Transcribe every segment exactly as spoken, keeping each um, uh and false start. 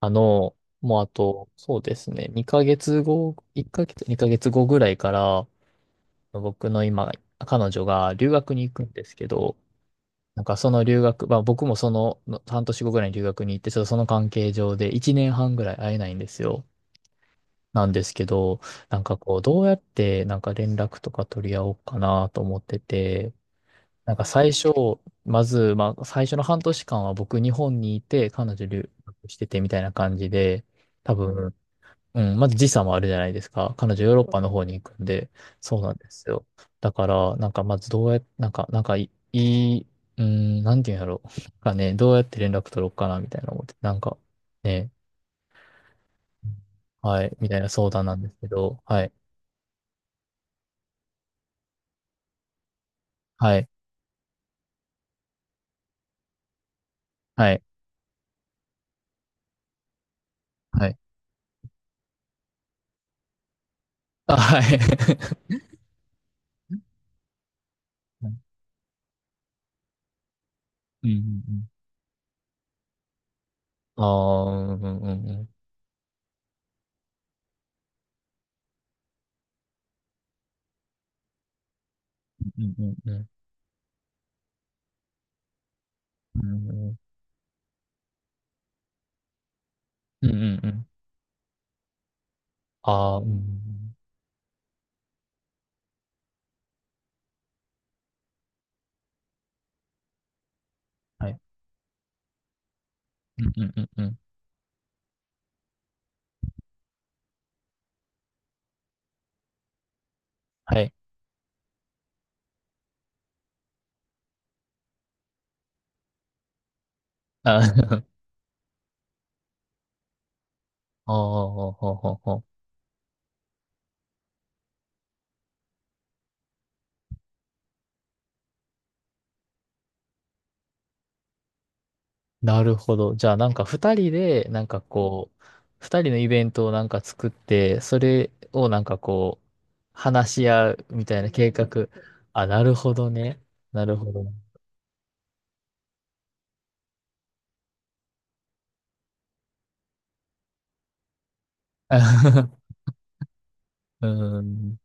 あの、もうあと、そうですね、にかげつご、いっかげつ、にかげつごぐらいから、僕の今、彼女が留学に行くんですけど、なんかその留学、まあ僕もそのの半年後ぐらいに留学に行って、ちょっとその関係上でいちねんはんぐらい会えないんですよ。なんですけど、なんかこう、どうやってなんか連絡とか取り合おうかなと思ってて、なんか最初、まず、まあ最初の半年間は僕日本にいて、彼女留学しててみたいな感じで、多分、うん、まず時差もあるじゃないですか。彼女ヨーロッパの方に行くんで、そうなんですよ。だから、なんかまずどうやっ、なんか、なんかいい、いうん、なんていうんやろう。なんかね、どうやって連絡取ろうかな、みたいな思って、なんか、ね、はい、みたいな相談なんですけど、はい、はい、はい、はい。あ、はい。うん、うん、うん。ああー、うん、うん、うん、うん、うん、うん、うん、うん、うん、うん、ああー、うん、はい、うん、うん、うん、はい。あー ああ、ああ、ああ、なるほど。じゃあ、なんか二人で、なんかこう、二人のイベントをなんか作って、それをなんかこう、話し合うみたいな計画。あ、なるほどね。なるほどね。うん、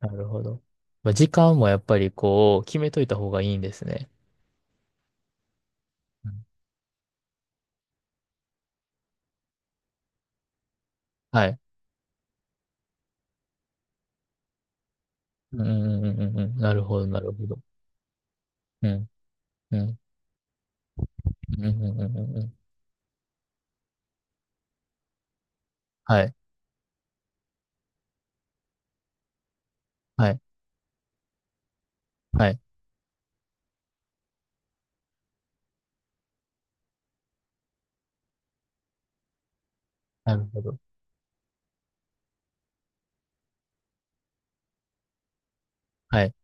なるほど。まあ、時間もやっぱりこう、決めといた方がいいんですね。うん、はい。うん、うん、うん、うんうん。なるほど、なるほど。うん、うん、うん、うん、うん。うん、はい、はい、はい。なるほど。はい。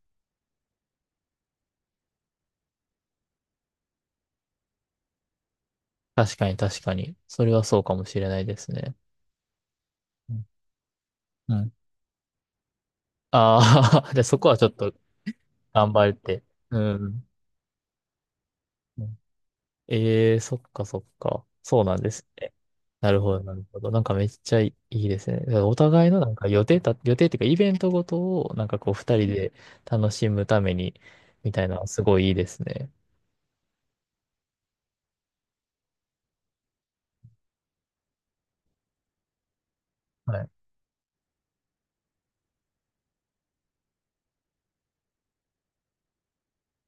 確かに確かに。それはそうかもしれないですね。うんうん、ああー、で、そこはちょっと頑張って。うん。ええー、そっかそっか。そうなんですね。なるほど、なるほど。なんかめっちゃいいですね。だからお互いのなんか予定た、予定っていうかイベントごとをなんかこう二人で楽しむためにみたいなのはすごいいいですね。はい。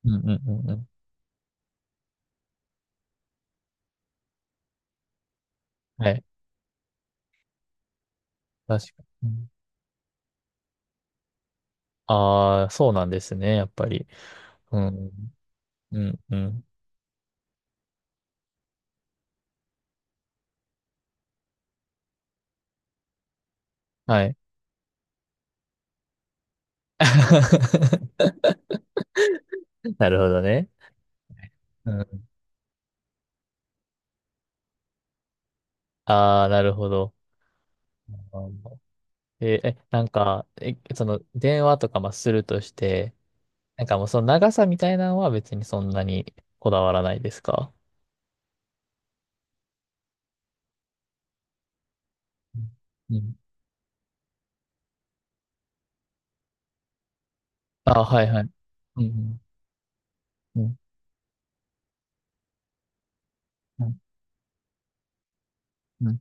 うんうんうんうん。はい。確かに。ああ、そうなんですね、やっぱり。うん。うん、うん。はい。なるほどね。うん、ああ、なるほど。うん、えーえ、なんか、え、その、電話とかまあするとして、なんかもうその長さみたいなのは別にそんなにこだわらないですか？うん、ああ、はいはい。うんうんうんうん、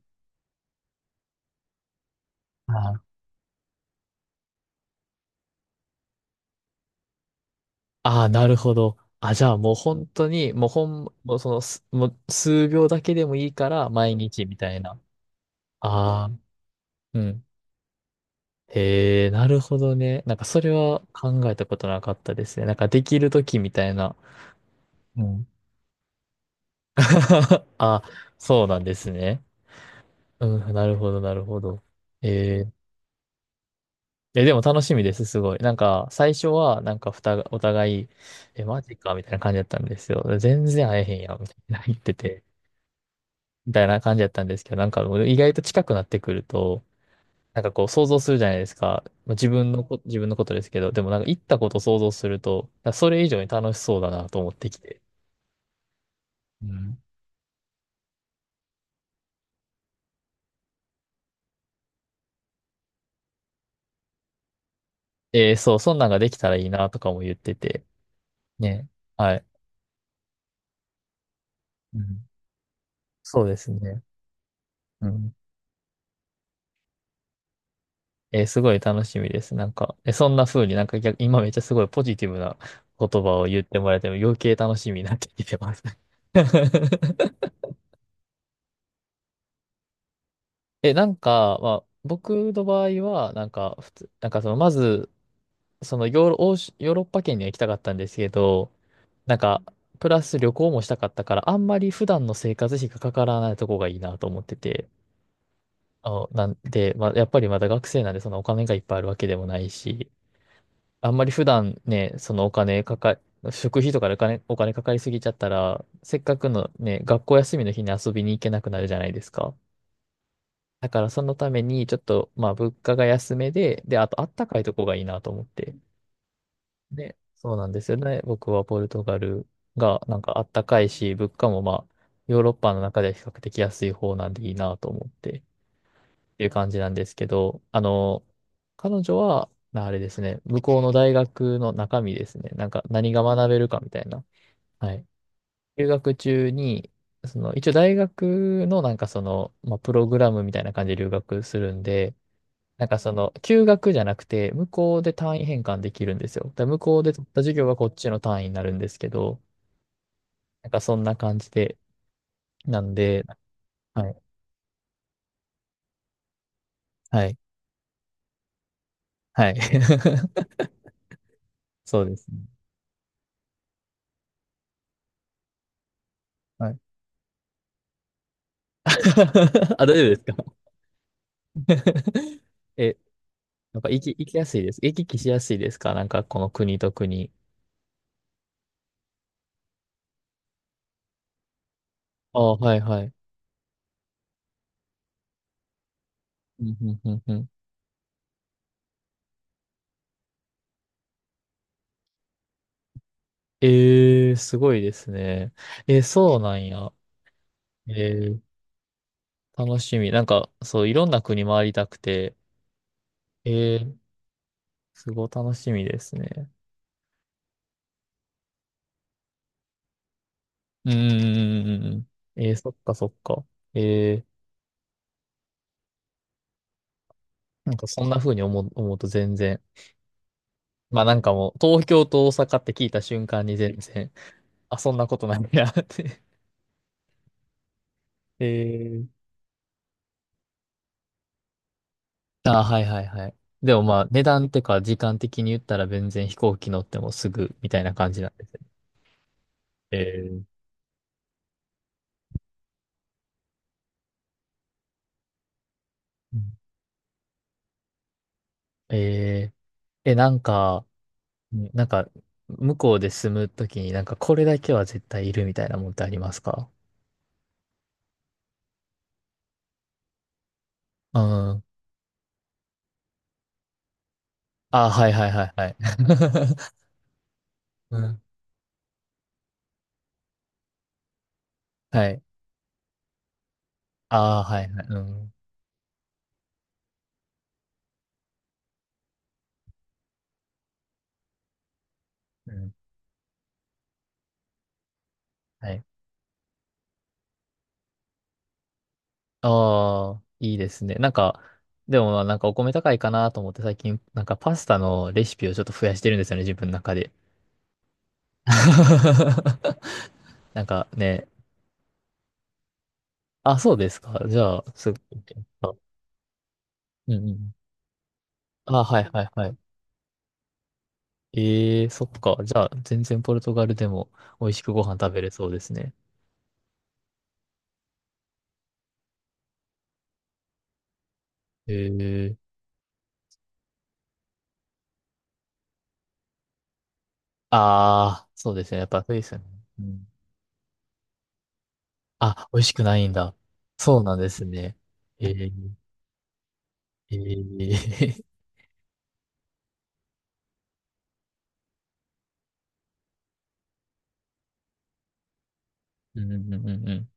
あーあー、なるほど。あ、じゃあもう本当に、もうほん、もうそのす、もう数秒だけでもいいから毎日みたいな。ああ、うん。へえ、なるほどね。なんかそれは考えたことなかったですね。なんかできるときみたいな。うん。あ、そうなんですね。うん、なるほど、なるほど。えー、え、でも楽しみです、すごい。なんか最初はなんかふたが、お互い、え、マジかみたいな感じだったんですよ。全然会えへんやん、みたいな言ってて、みたいな感じだったんですけど、なんか意外と近くなってくると、なんかこう想像するじゃないですか。まあ自分のこ、自分のことですけど、でもなんか行ったことを想像すると、なんかそれ以上に楽しそうだなと思ってきて。うん。えー、そう、そんなんができたらいいなとかも言ってて。ね。はい。うん。そうですね。うん。えー、すごい楽しみです。なんか、え、そんな風になんか逆、今めっちゃすごいポジティブな言葉を言ってもらえても余計楽しみになってきてます。え、なんか、まあ、僕の場合は、なんか、普通、なんかその、まず、そのヨーロ、欧州ヨーロッパ圏には行きたかったんですけど、なんか、プラス旅行もしたかったから、あんまり普段の生活費がかからないとこがいいなと思ってて、あの、なんで、まあ、やっぱりまだ学生なんでそのお金がいっぱいあるわけでもないし、あんまり普段ね、そのお金かか、食費とかでお金、お金かかりすぎちゃったら、せっかくのね、学校休みの日に遊びに行けなくなるじゃないですか。だからそのために、ちょっと、まあ、物価が安めで、で、あとあったかいとこがいいなと思って。ね、そうなんですよね。僕はポルトガルがなんかあったかいし、物価もまあ、ヨーロッパの中では比較的安い方なんでいいなと思ってっていう感じなんですけど、あの、彼女は、なあれですね、向こうの大学の中身ですね、なんか何が学べるかみたいな。はい。留学中に、その、一応大学のなんかその、まあ、プログラムみたいな感じで留学するんで、なんかその、休学じゃなくて、向こうで単位変換できるんですよ。だから向こうで取った授業がこっちの単位になるんですけど、なんかそんな感じで、なんで、はい、はい、はい。そうですね。はい。あ、大丈夫ですか？ え、やっぱ行き、行きやすいです。行き来しやすいですか、なんかこの国と国？ああ、はいはい。うんうんうんうん。ええ、すごいですね。えー、そうなんや。えー、楽しみ。なんか、そう、いろんな国回りたくて、えー、すごい楽しみですね。うんうんうんうん。えー、そっかそっか。えー、なんかそんな風に思う、思うと全然。まあなんかもう、東京と大阪って聞いた瞬間に全然、あ、そんなことないなって。えー、ああ、はいはいはい。でもまあ、値段とか時間的に言ったら全然飛行機乗ってもすぐみたいな感じなんですね。えーうんえー、え、なんか、うん、なんか、向こうで住むときになんかこれだけは絶対いるみたいなもんってありますか？うん、ああ、はいはいはいはい。うん。はい。ああ、はいはい。うん。うん。はい。ああ、いいですね。なんか、でもまあなんかお米高いかなと思って最近、なんかパスタのレシピをちょっと増やしてるんですよね、自分の中で。なんかね、あ、そうですか。じゃあ、すぐ見てみます。うんうん。あ、はいはいはい。ええ、そっか。じゃあ、全然ポルトガルでも美味しくご飯食べれそうですね。ええ、ああ、そうですね。やっぱそうですよね。あ、美味しくないんだ。そうなんですね。えー、えー、うんうんうんうん。